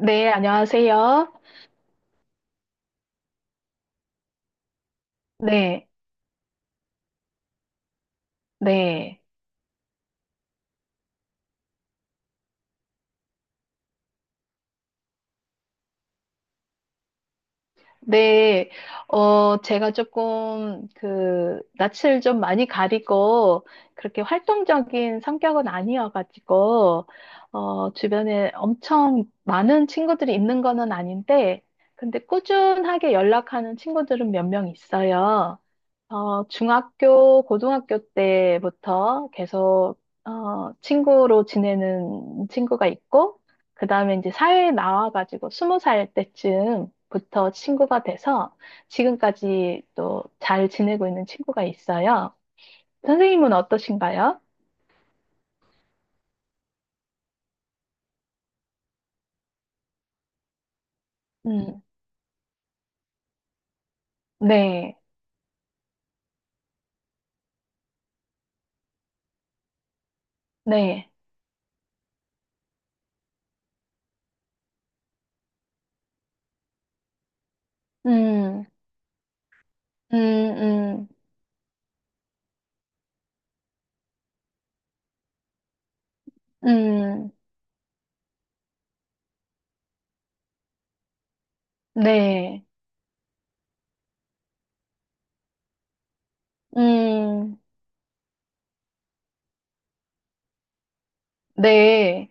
네, 안녕하세요. 네, 네, 네. 제가 조금 그 낯을 좀 많이 가리고 그렇게 활동적인 성격은 아니어가지고 주변에 엄청 많은 친구들이 있는 거는 아닌데, 근데 꾸준하게 연락하는 친구들은 몇 명 있어요. 중학교, 고등학교 때부터 계속, 친구로 지내는 친구가 있고, 그 다음에 이제 사회에 나와가지고 스무 살 때쯤부터 친구가 돼서 지금까지 또 잘 지내고 있는 친구가 있어요. 선생님은 어떠신가요? 음, 네, 네, 음, 음, 음, 음, 네, 음, 네,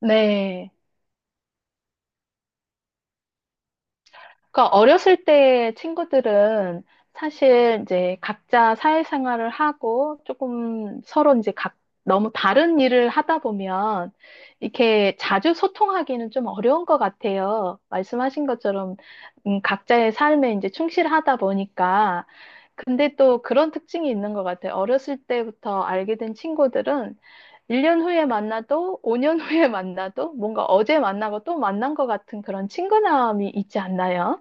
네. 그러니까 어렸을 때 친구들은 사실 이제 각자 사회생활을 하고 조금 서로 이제 각 너무 다른 일을 하다 보면 이렇게 자주 소통하기는 좀 어려운 것 같아요. 말씀하신 것처럼 각자의 삶에 이제 충실하다 보니까. 근데 또 그런 특징이 있는 것 같아요. 어렸을 때부터 알게 된 친구들은 1년 후에 만나도 5년 후에 만나도 뭔가 어제 만나고 또 만난 것 같은 그런 친근함이 있지 않나요?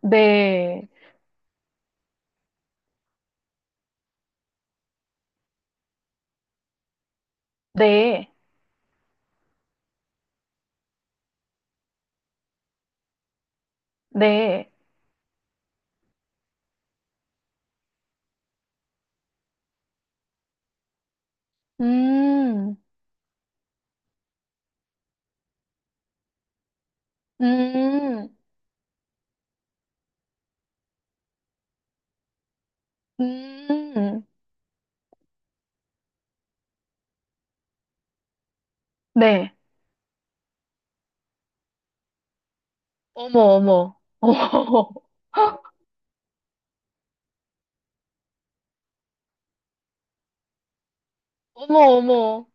네, 네, 네. 음, 음, 음. 네. 어머, 어머, 어머, 어머, 어머.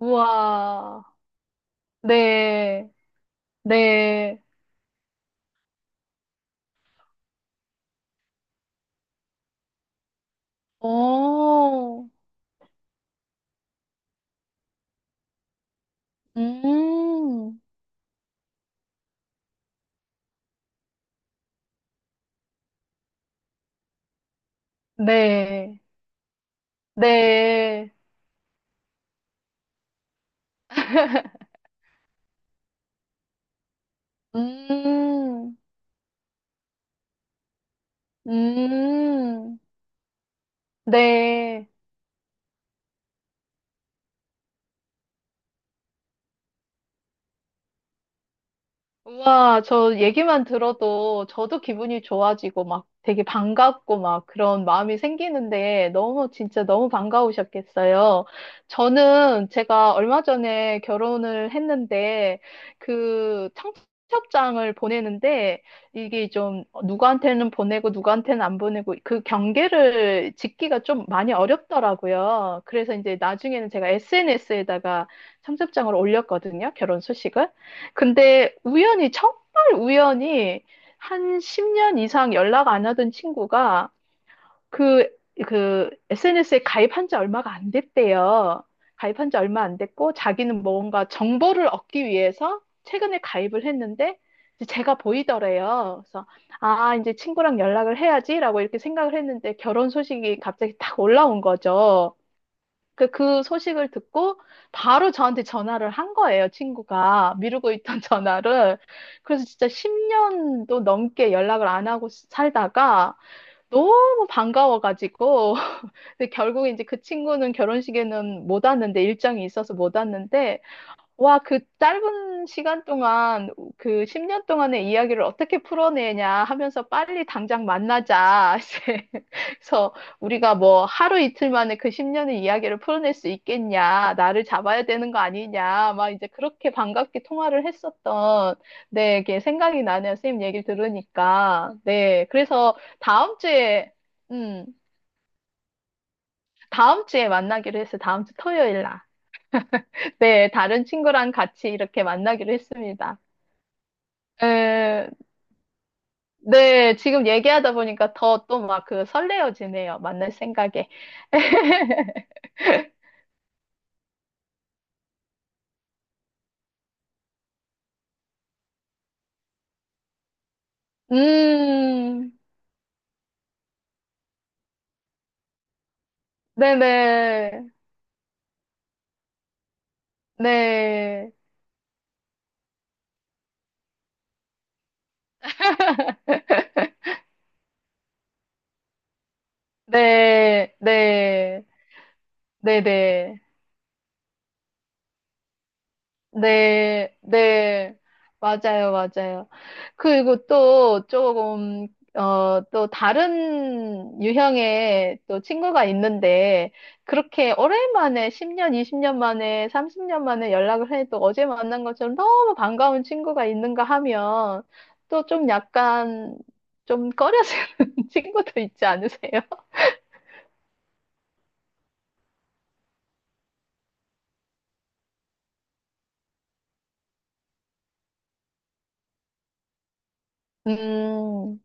우와. 네, 네. 오. 음, 네, 네. 음, 음, 네. 와, 저 얘기만 들어도 저도 기분이 좋아지고 막 되게 반갑고 막 그런 마음이 생기는데, 너무 진짜 너무 반가우셨겠어요. 저는 제가 얼마 전에 결혼을 했는데 그 청첩장을 보내는데 이게 좀 누구한테는 보내고 누구한테는 안 보내고 그 경계를 짓기가 좀 많이 어렵더라고요. 그래서 이제 나중에는 제가 SNS에다가 청첩장을 올렸거든요. 결혼 소식을. 근데 우연히, 정말 우연히 한 10년 이상 연락 안 하던 친구가 그, 그 SNS에 가입한 지 얼마가 안 됐대요. 가입한 지 얼마 안 됐고 자기는 뭔가 정보를 얻기 위해서 최근에 가입을 했는데 이제 제가 보이더래요. 그래서 아, 이제 친구랑 연락을 해야지라고 이렇게 생각을 했는데 결혼 소식이 갑자기 딱 올라온 거죠. 그 소식을 듣고 바로 저한테 전화를 한 거예요, 친구가. 미루고 있던 전화를. 그래서 진짜 10년도 넘게 연락을 안 하고 살다가 너무 반가워가지고. 근데 결국에 이제 그 친구는 결혼식에는 못 왔는데, 일정이 있어서 못 왔는데, 와, 그 짧은 시간 동안 그 10년 동안의 이야기를 어떻게 풀어내냐 하면서 빨리 당장 만나자. 이제 그래서 우리가 뭐 하루 이틀 만에 그 10년의 이야기를 풀어낼 수 있겠냐. 나를 잡아야 되는 거 아니냐. 막 이제 그렇게 반갑게 통화를 했었던, 네, 이게 생각이 나네요. 선생님 얘기를 들으니까. 네. 그래서 다음 주에, 음, 다음 주에 만나기로 했어요. 다음 주 토요일 날. 네, 다른 친구랑 같이 이렇게 만나기로 했습니다. 에, 네, 지금 얘기하다 보니까 더 또 막 그 설레어지네요. 만날 생각에. 음, 네네, 네, 네, 네, 네네. 네, 네, 맞아요, 맞아요. 그리고 또 조금, 또 다른 유형의 또 친구가 있는데, 그렇게 오랜만에 10년, 20년 만에, 30년 만에 연락을 해도 어제 만난 것처럼 너무 반가운 친구가 있는가 하면, 또 좀 약간, 좀 꺼려지는 친구도 있지 않으세요? 음,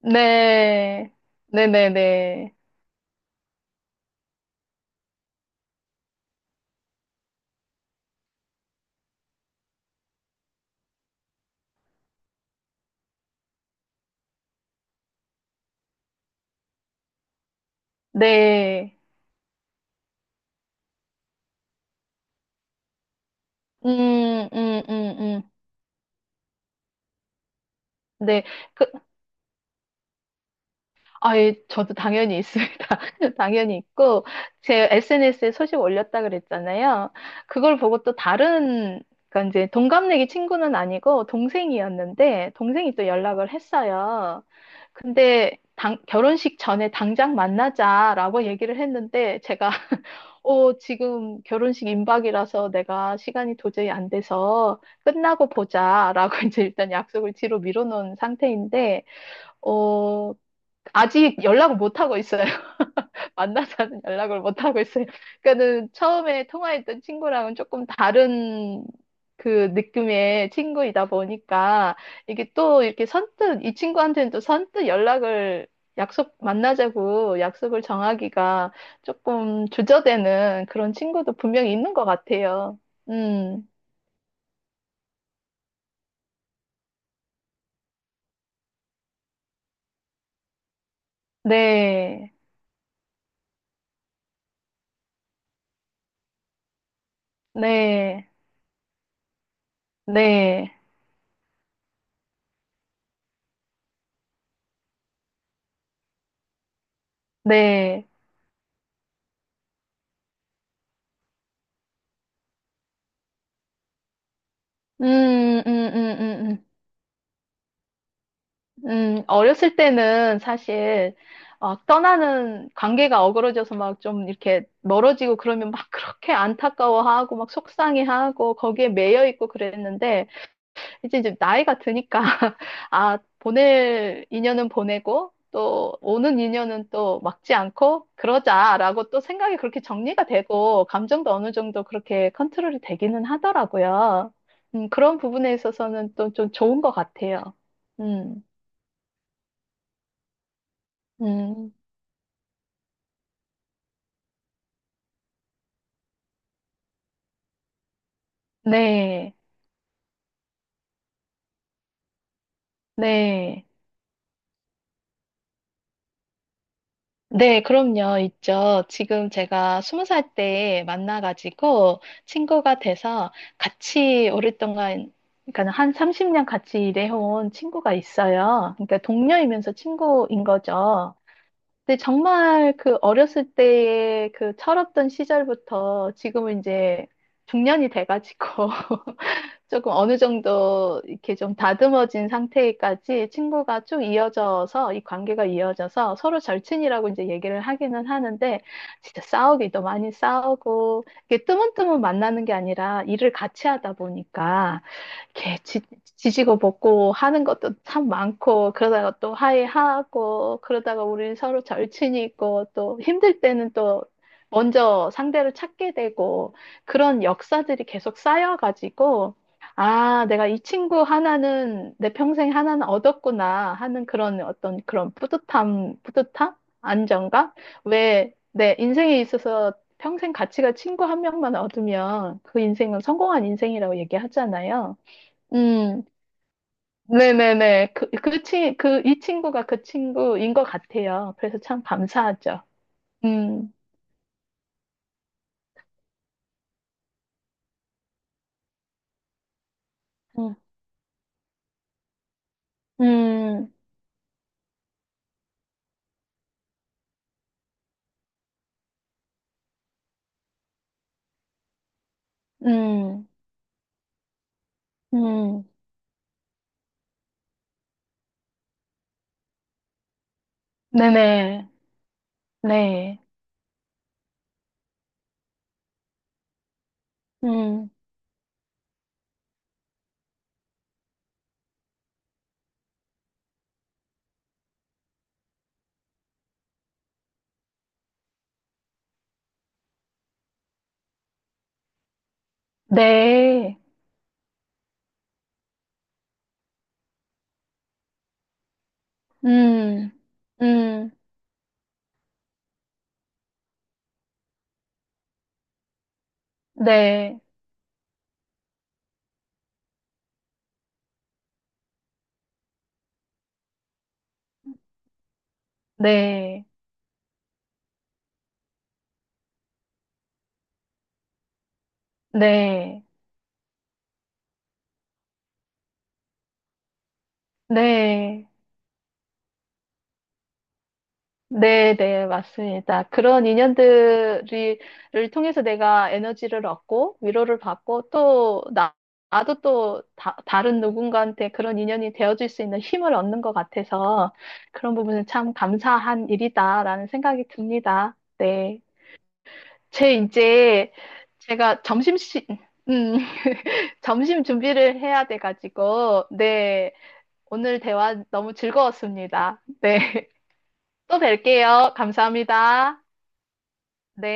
네, 네네네. 네. 음, 음, 음, 음. 네. 그, 아, 예, 저도 당연히 있습니다. 당연히 있고, 제 SNS에 소식 올렸다 그랬잖아요. 그걸 보고 또 다른, 그러니까 이제 동갑내기 친구는 아니고 동생이었는데, 동생이 또 연락을 했어요. 근데 결혼식 전에 당장 만나자라고 얘기를 했는데, 제가 지금 결혼식 임박이라서 내가 시간이 도저히 안 돼서 끝나고 보자라고 이제 일단 약속을 뒤로 미뤄놓은 상태인데, 어, 아직 연락을 못 하고 있어요. 만나자는 연락을 못 하고 있어요. 그러니까는 처음에 통화했던 친구랑은 조금 다른 그 느낌의 친구이다 보니까 이게 또 이렇게 선뜻 이 친구한테는 또 선뜻 연락을 약속 만나자고 약속을 정하기가 조금 주저되는 그런 친구도 분명히 있는 것 같아요. 음, 네, 네, 네, 네. 음, 음, 음, 음, 음. 어렸을 때는 사실 막 떠나는 관계가 어그러져서 막 좀 이렇게 멀어지고 그러면 막 그렇게 안타까워하고 막 속상해하고 거기에 매여 있고 그랬는데 이제 나이가 드니까 아, 보낼 인연은 보내고 또 오는 인연은 또 막지 않고 그러자라고 또 생각이 그렇게 정리가 되고 감정도 어느 정도 그렇게 컨트롤이 되기는 하더라고요. 그런 부분에 있어서는 또 좀 좋은 것 같아요. 음, 음. 네, 네, 네, 그럼요, 있죠. 지금 제가 스무 살 때 만나가지고 친구가 돼서 같이 오랫동안, 그러니까 한 30년 같이 일해온 친구가 있어요. 그러니까 동료이면서 친구인 거죠. 근데 정말 그 어렸을 때의 그 철없던 시절부터 지금은 이제 중년이 돼가지고 조금 어느 정도 이렇게 좀 다듬어진 상태까지 친구가 쭉 이어져서 이 관계가 이어져서 서로 절친이라고 이제 얘기를 하기는 하는데 진짜 싸우기도 많이 싸우고 이게 뜨문뜨문 만나는 게 아니라 일을 같이 하다 보니까 이렇게 지지고 볶고 하는 것도 참 많고 그러다가 또 화해하고 그러다가 우리 서로 절친이고 또 힘들 때는 또 먼저 상대를 찾게 되고 그런 역사들이 계속 쌓여가지고 아, 내가 이 친구 하나는 내 평생 하나는 얻었구나 하는 그런 어떤 그런 뿌듯함, 뿌듯함? 안정감? 왜 내 인생에 있어서 평생 가치가 친구 한 명만 얻으면 그 인생은 성공한 인생이라고 얘기하잖아요. 음, 네네네. 이 친구가 그 친구인 것 같아요. 그래서 참 감사하죠. 음, 음, 음, 음, 음. 네네. 네. 음, 네. 음, 음, 네, 네, 네, 네, 네, 네, 맞습니다. 그런 인연들을 통해서 내가 에너지를 얻고 위로를 받고 또 나도 또 다른 누군가한테 그런 인연이 되어줄 수 있는 힘을 얻는 것 같아서 그런 부분은 참 감사한 일이다라는 생각이 듭니다. 네. 제 이제 제가 점심시 음 점심 준비를 해야 돼가지고. 네, 오늘 대화 너무 즐거웠습니다. 네. 또 뵐게요. 감사합니다. 네.